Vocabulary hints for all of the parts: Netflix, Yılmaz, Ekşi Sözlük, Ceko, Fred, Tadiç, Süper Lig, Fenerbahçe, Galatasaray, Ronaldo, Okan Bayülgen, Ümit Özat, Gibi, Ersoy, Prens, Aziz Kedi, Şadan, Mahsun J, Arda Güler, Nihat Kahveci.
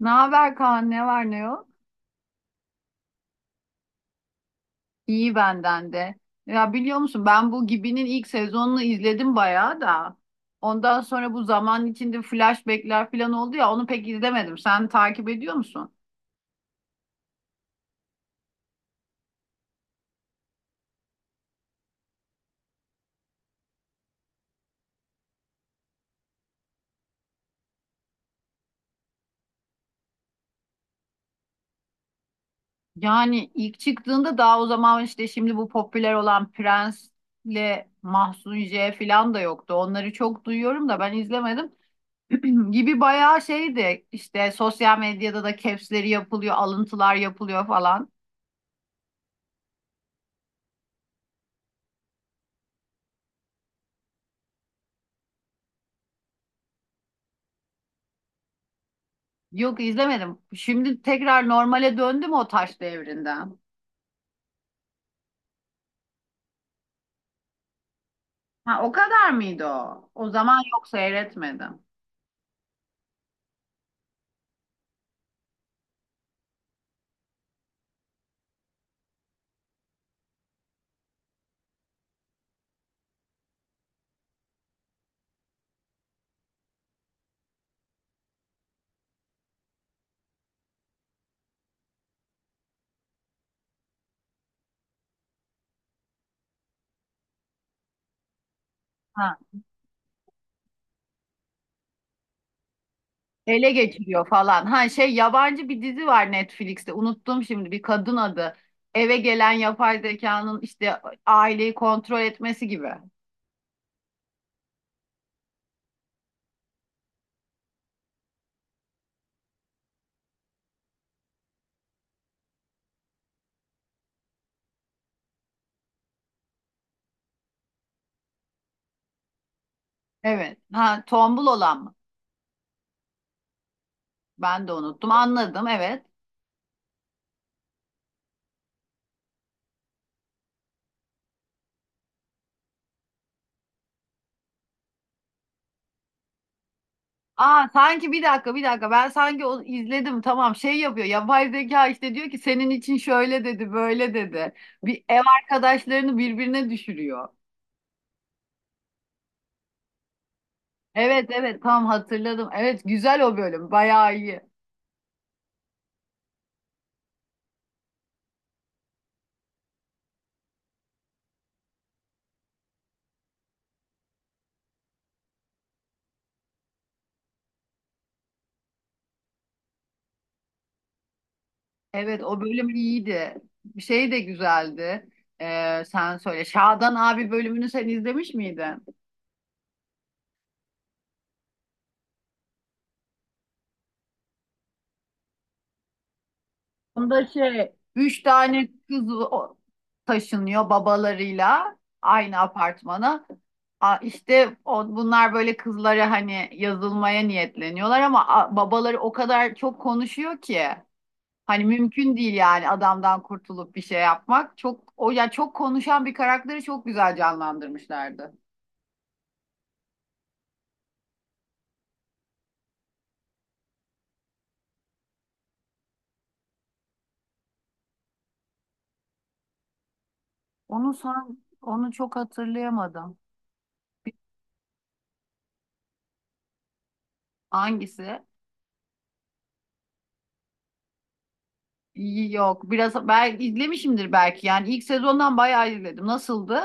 Ne haber Kaan? Ne var ne yok? İyi benden de. Ya biliyor musun ben bu Gibi'nin ilk sezonunu izledim bayağı da. Ondan sonra bu zaman içinde flashbackler falan oldu ya onu pek izlemedim. Sen takip ediyor musun? Yani ilk çıktığında daha o zaman işte şimdi bu popüler olan Prens'le Mahsun J falan da yoktu. Onları çok duyuyorum da ben izlemedim. Gibi bayağı şeydi işte sosyal medyada da caps'leri yapılıyor, alıntılar yapılıyor falan. Yok izlemedim. Şimdi tekrar normale döndü mü o taş devrinden? Ha o kadar mıydı o? O zaman yok seyretmedim. Ha. Ele geçiriyor falan. Ha şey yabancı bir dizi var Netflix'te. Unuttum şimdi bir kadın adı. Eve gelen yapay zekanın işte aileyi kontrol etmesi gibi. Evet. Ha tombul olan mı? Ben de unuttum. Anladım evet. Aa sanki bir dakika bir dakika ben sanki onu izledim, tamam şey yapıyor yapay zeka işte, diyor ki senin için şöyle dedi böyle dedi, bir ev arkadaşlarını birbirine düşürüyor. Evet evet tam hatırladım, evet güzel o bölüm bayağı iyi, evet o bölüm iyiydi, şey de güzeldi. Sen söyle, Şadan abi bölümünü sen izlemiş miydin? Onda şey üç tane kız taşınıyor babalarıyla aynı apartmana. İşte o, bunlar böyle kızlara hani yazılmaya niyetleniyorlar ama babaları o kadar çok konuşuyor ki hani mümkün değil yani adamdan kurtulup bir şey yapmak. Çok o ya, çok konuşan bir karakteri çok güzel canlandırmışlardı. Onu san onu çok hatırlayamadım. Hangisi? Yok, biraz ben izlemişimdir belki. Yani ilk sezondan bayağı izledim. Nasıldı?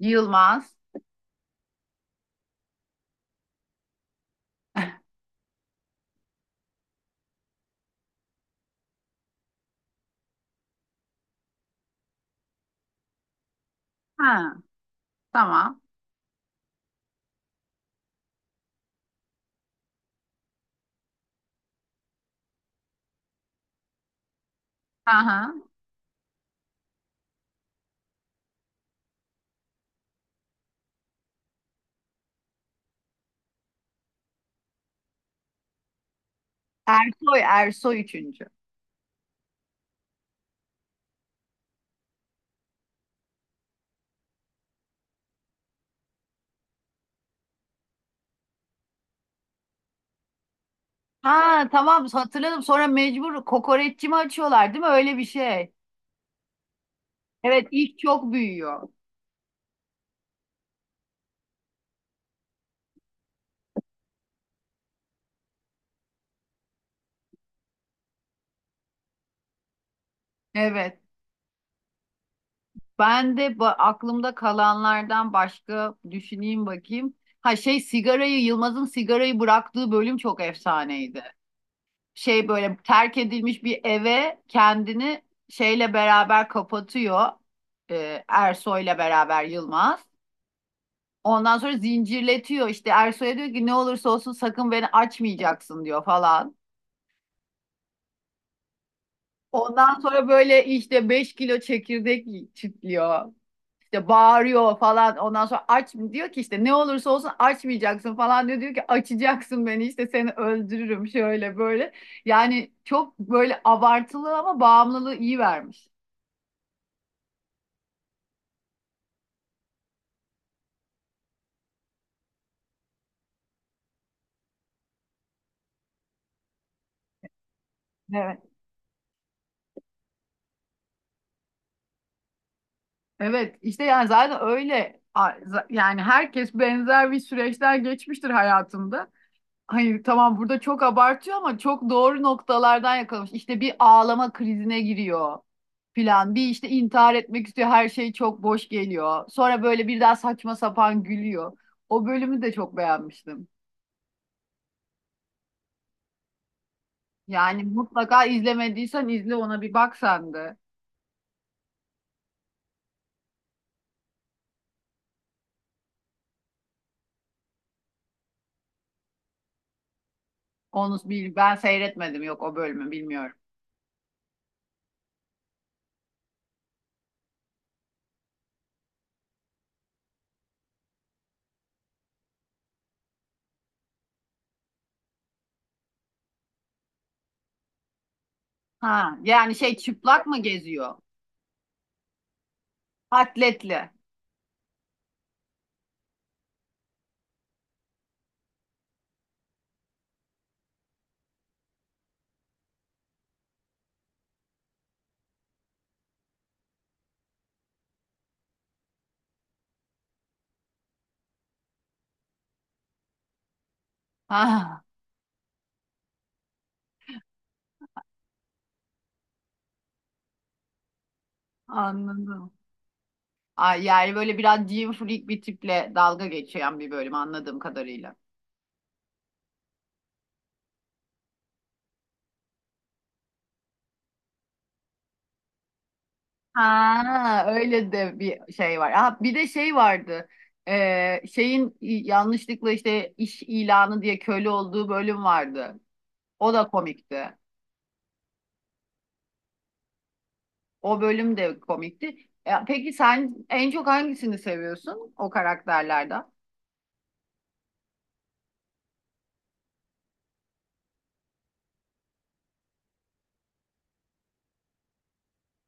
Yılmaz. Ha, tamam. Aha. Ersoy, Ersoy üçüncü. Ha, tamam hatırladım. Sonra mecbur kokoreççi mi açıyorlar değil mi? Öyle bir şey. Evet, ilk çok büyüyor. Evet. Ben de aklımda kalanlardan başka düşüneyim bakayım. Ha şey, sigarayı Yılmaz'ın sigarayı bıraktığı bölüm çok efsaneydi. Şey böyle terk edilmiş bir eve kendini şeyle beraber kapatıyor. Ersoy'la beraber Yılmaz. Ondan sonra zincirletiyor işte, Ersoy'a diyor ki ne olursa olsun sakın beni açmayacaksın diyor falan. Ondan sonra böyle işte 5 kilo çekirdek çitliyor. İşte bağırıyor falan. Ondan sonra aç diyor ki işte ne olursa olsun açmayacaksın falan diyor. Diyor ki açacaksın beni işte, seni öldürürüm şöyle böyle. Yani çok böyle abartılı ama bağımlılığı iyi vermiş. Evet. Evet işte yani zaten öyle, yani herkes benzer bir süreçler geçmiştir hayatında. Hayır tamam, burada çok abartıyor ama çok doğru noktalardan yakalamış. İşte bir ağlama krizine giriyor filan. Bir işte intihar etmek istiyor. Her şey çok boş geliyor. Sonra böyle bir daha saçma sapan gülüyor. O bölümü de çok beğenmiştim. Yani mutlaka izlemediysen izle, ona bir bak sen de. Onu bil, ben seyretmedim, yok o bölümü bilmiyorum. Ha yani şey, çıplak mı geziyor? Atletli. Ha anladım. Ay, yani böyle biraz gym freak bir tiple dalga geçen bir bölüm anladığım kadarıyla. Ha öyle de bir şey var. Ha, bir de şey vardı. Şeyin yanlışlıkla işte iş ilanı diye köle olduğu bölüm vardı. O da komikti. O bölüm de komikti. Peki sen en çok hangisini seviyorsun o karakterlerden?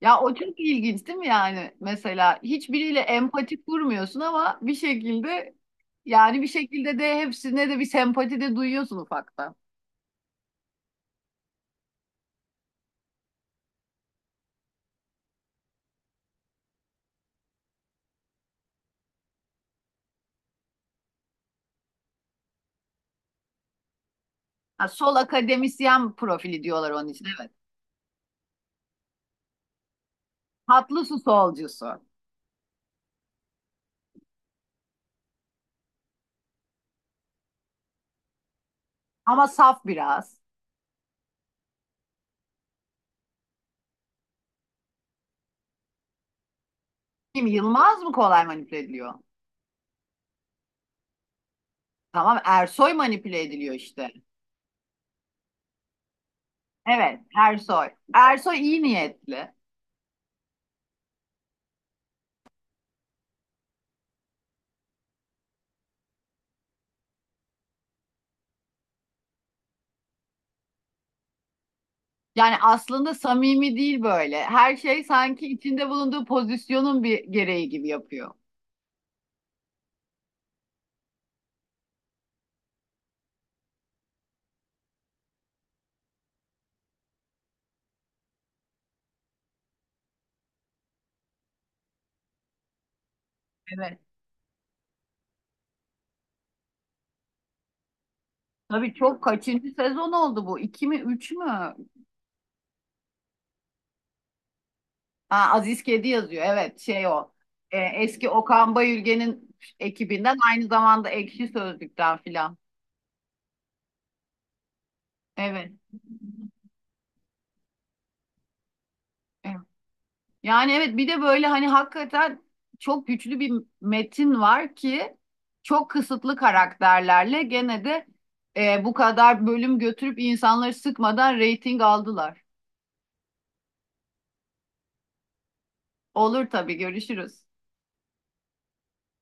Ya o çok ilginç değil mi yani? Mesela hiçbiriyle empati kurmuyorsun ama bir şekilde, yani bir şekilde de hepsine de bir sempati de duyuyorsun ufaktan. Ha, sol akademisyen profili diyorlar onun için, evet. Tatlı su solcusu, ama saf biraz. Kim, Yılmaz mı kolay manipüle ediliyor? Tamam, Ersoy manipüle ediliyor işte. Evet, Ersoy. Ersoy iyi niyetli. Yani aslında samimi değil böyle. Her şey sanki içinde bulunduğu pozisyonun bir gereği gibi yapıyor. Evet. Tabii, çok kaçıncı sezon oldu bu? İki mi üç mü? Ha, Aziz Kedi yazıyor. Evet şey o. Eski Okan Bayülgen'in ekibinden, aynı zamanda Ekşi Sözlük'ten filan. Evet. Evet. Yani evet, bir de böyle hani hakikaten çok güçlü bir metin var ki çok kısıtlı karakterlerle gene de, bu kadar bölüm götürüp insanları sıkmadan reyting aldılar. Olur tabii, görüşürüz.